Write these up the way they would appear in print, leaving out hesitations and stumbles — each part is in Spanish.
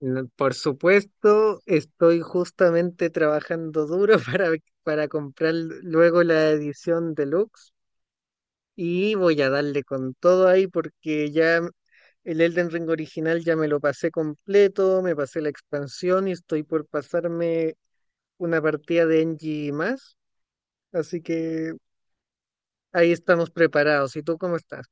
No, por supuesto, estoy justamente trabajando duro para comprar luego la edición deluxe y voy a darle con todo ahí porque ya el Elden Ring original ya me lo pasé completo, me pasé la expansión y estoy por pasarme una partida de NG más, así que ahí estamos preparados. ¿Y tú cómo estás?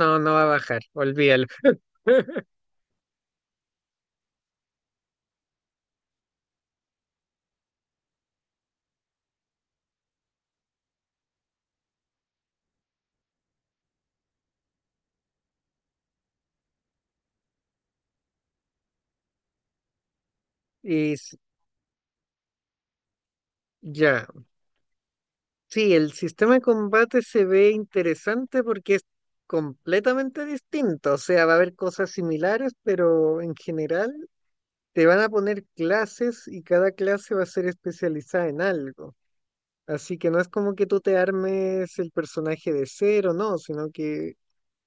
No, no va a bajar, olvídalo. Y s- ya. Sí, el sistema de combate se ve interesante porque es completamente distinto. O sea, va a haber cosas similares, pero en general te van a poner clases y cada clase va a ser especializada en algo. Así que no es como que tú te armes el personaje de cero, no, sino que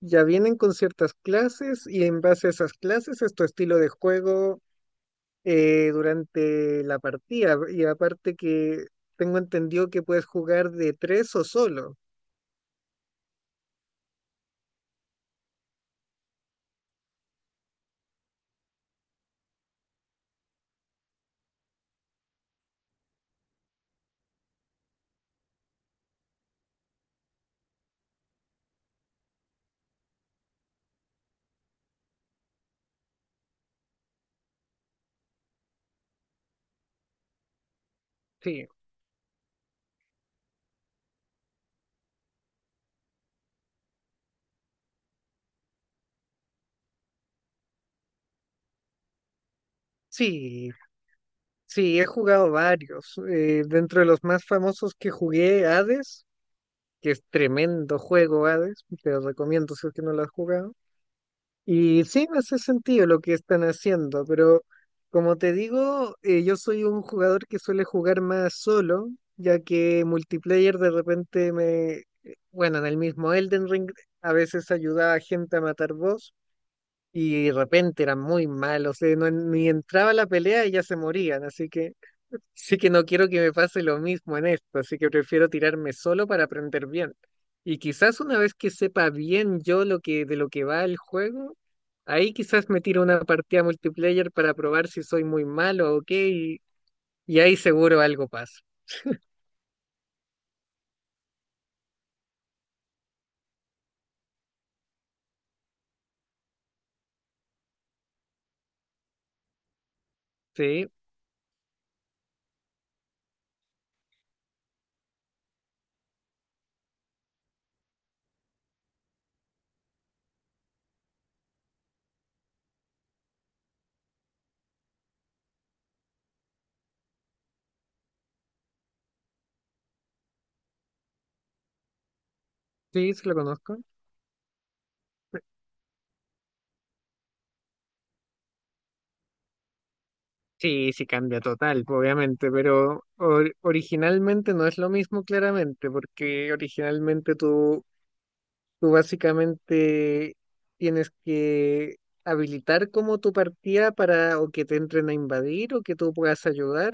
ya vienen con ciertas clases y en base a esas clases es tu estilo de juego durante la partida. Y aparte que tengo entendido que puedes jugar de tres o solo. Sí, sí, sí, he jugado varios. Dentro de los más famosos que jugué, Hades, que es tremendo juego Hades, te lo recomiendo si es que no lo has jugado. Y sí, me hace sentido lo que están haciendo, pero como te digo, yo soy un jugador que suele jugar más solo, ya que multiplayer de repente me... Bueno, en el mismo Elden Ring a veces ayudaba a gente a matar boss y de repente eran muy malos, ni entraba a la pelea y ya se morían, así que... Sí que no quiero que me pase lo mismo en esto, así que prefiero tirarme solo para aprender bien. Y quizás una vez que sepa bien yo lo que de lo que va el juego, ahí quizás me tiro una partida multiplayer para probar si soy muy malo o qué, y ahí seguro algo pasa. Sí, sí, sí lo conozco. Sí, sí cambia total, obviamente, pero originalmente no es lo mismo claramente, porque originalmente tú básicamente tienes que habilitar como tu partida para o que te entren a invadir o que tú puedas ayudar.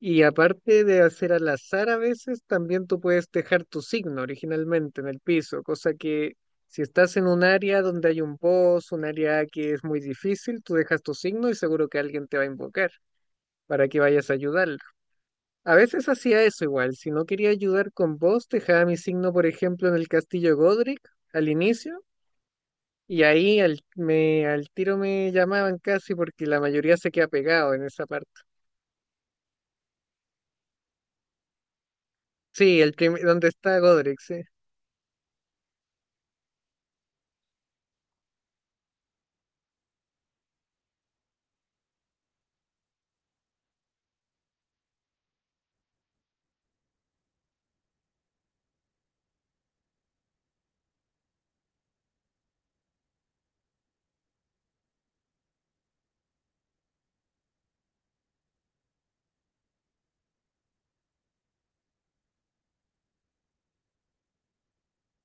Y aparte de hacer al azar a veces, también tú puedes dejar tu signo originalmente en el piso, cosa que si estás en un área donde hay un boss, un área que es muy difícil, tú dejas tu signo y seguro que alguien te va a invocar para que vayas a ayudarlo. A veces hacía eso igual, si no quería ayudar con boss, dejaba mi signo, por ejemplo, en el castillo Godric al inicio y ahí al tiro me llamaban casi porque la mayoría se queda pegado en esa parte. Sí, donde está Godric, sí.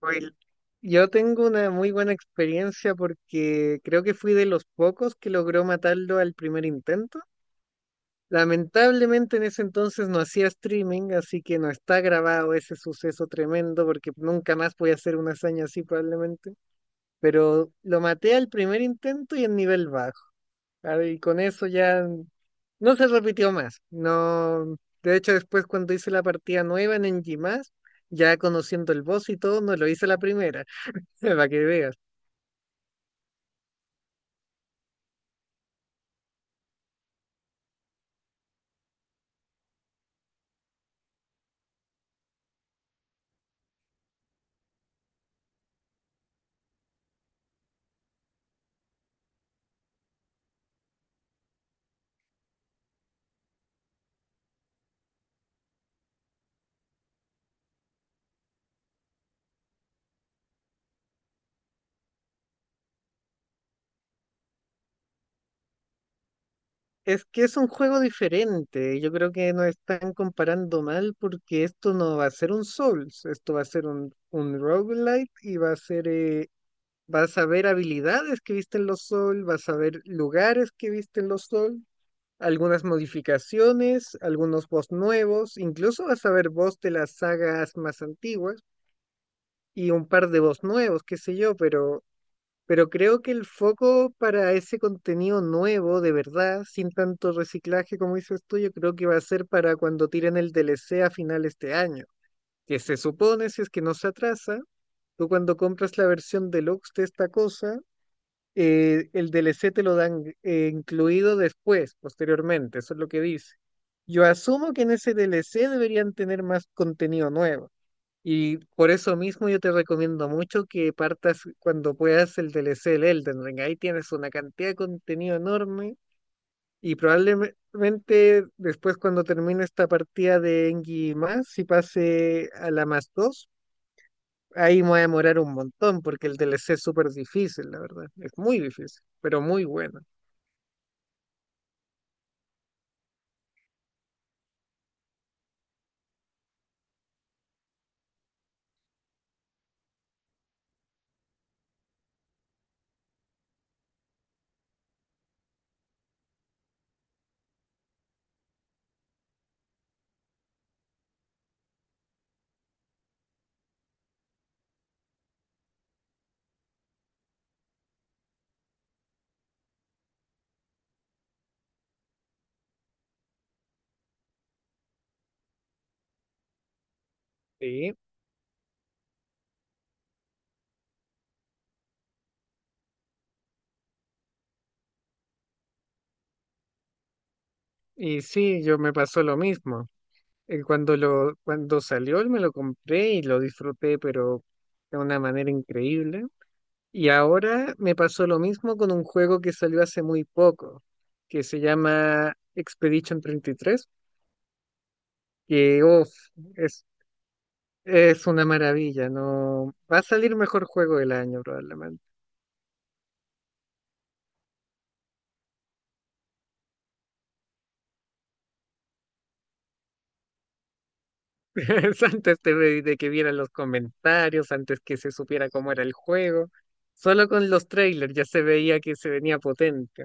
Oye, yo tengo una muy buena experiencia porque creo que fui de los pocos que logró matarlo al primer intento. Lamentablemente en ese entonces no hacía streaming, así que no está grabado ese suceso tremendo porque nunca más voy a hacer una hazaña así probablemente. Pero lo maté al primer intento y en nivel bajo. Claro, y con eso ya no se repitió más. No, de hecho, después cuando hice la partida nueva en NG+, ya conociendo el boss y todo, no lo hice la primera, para que veas. Es que es un juego diferente. Yo creo que nos están comparando mal porque esto no va a ser un Souls, esto va a ser un roguelite y va a ser, vas a ver habilidades que viste en los Souls, vas a ver lugares que viste en los Souls, algunas modificaciones, algunos boss nuevos, incluso vas a ver boss de las sagas más antiguas y un par de boss nuevos, qué sé yo, pero creo que el foco para ese contenido nuevo, de verdad, sin tanto reciclaje como dices tú, yo creo que va a ser para cuando tiren el DLC a final de este año, que se supone, si es que no se atrasa, tú cuando compras la versión deluxe de esta cosa, el DLC te lo dan incluido después, posteriormente, eso es lo que dice. Yo asumo que en ese DLC deberían tener más contenido nuevo. Y por eso mismo yo te recomiendo mucho que partas cuando puedas el DLC del Elden Ring. Ahí tienes una cantidad de contenido enorme y probablemente después cuando termine esta partida de Engi más y pase a la más 2, ahí me voy a demorar un montón porque el DLC es súper difícil, la verdad. Es muy difícil, pero muy bueno. Sí, sí, yo me pasó lo mismo. Cuando cuando salió, me lo compré y lo disfruté, pero de una manera increíble. Y ahora me pasó lo mismo con un juego que salió hace muy poco, que se llama Expedition 33. que uf, es, es una maravilla, no va a salir mejor juego del año. Antes de que vieran los comentarios, antes que se supiera cómo era el juego. Solo con los trailers ya se veía que se venía potente.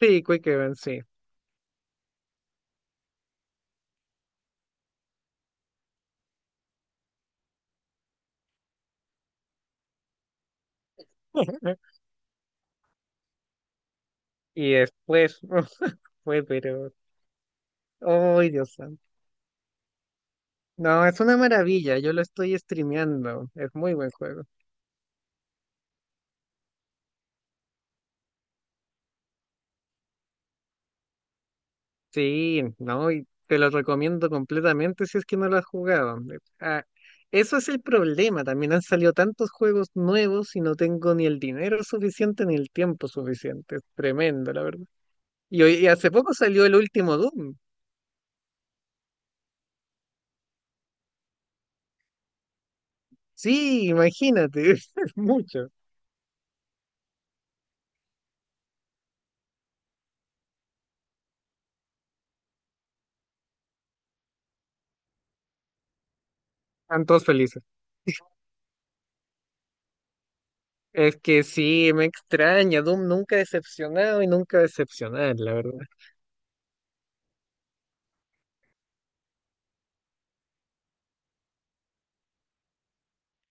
Sí, Quick Event, sí. Y después fue, pero. ¡Ay, Dios santo! No, es una maravilla. Yo lo estoy streameando. Es muy buen juego. Sí, no, y te lo recomiendo completamente si es que no lo has jugado. Eso es el problema, también han salido tantos juegos nuevos y no tengo ni el dinero suficiente ni el tiempo suficiente. Es tremendo, la verdad. Y hace poco salió el último Doom. Sí, imagínate, es mucho. Están todos felices. Es que sí, me extraña, Doom nunca decepcionado y nunca decepcionar, la verdad.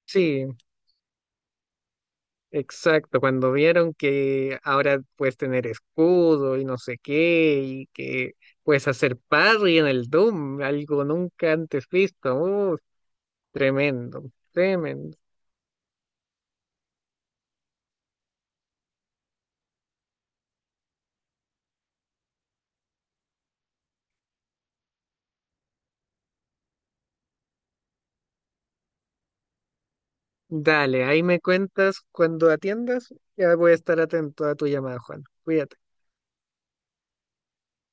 Sí. Exacto, cuando vieron que ahora puedes tener escudo y no sé qué, y que puedes hacer parry en el Doom, algo nunca antes visto. Tremendo, tremendo. Dale, ahí me cuentas cuando atiendas, ya voy a estar atento a tu llamada, Juan. Cuídate.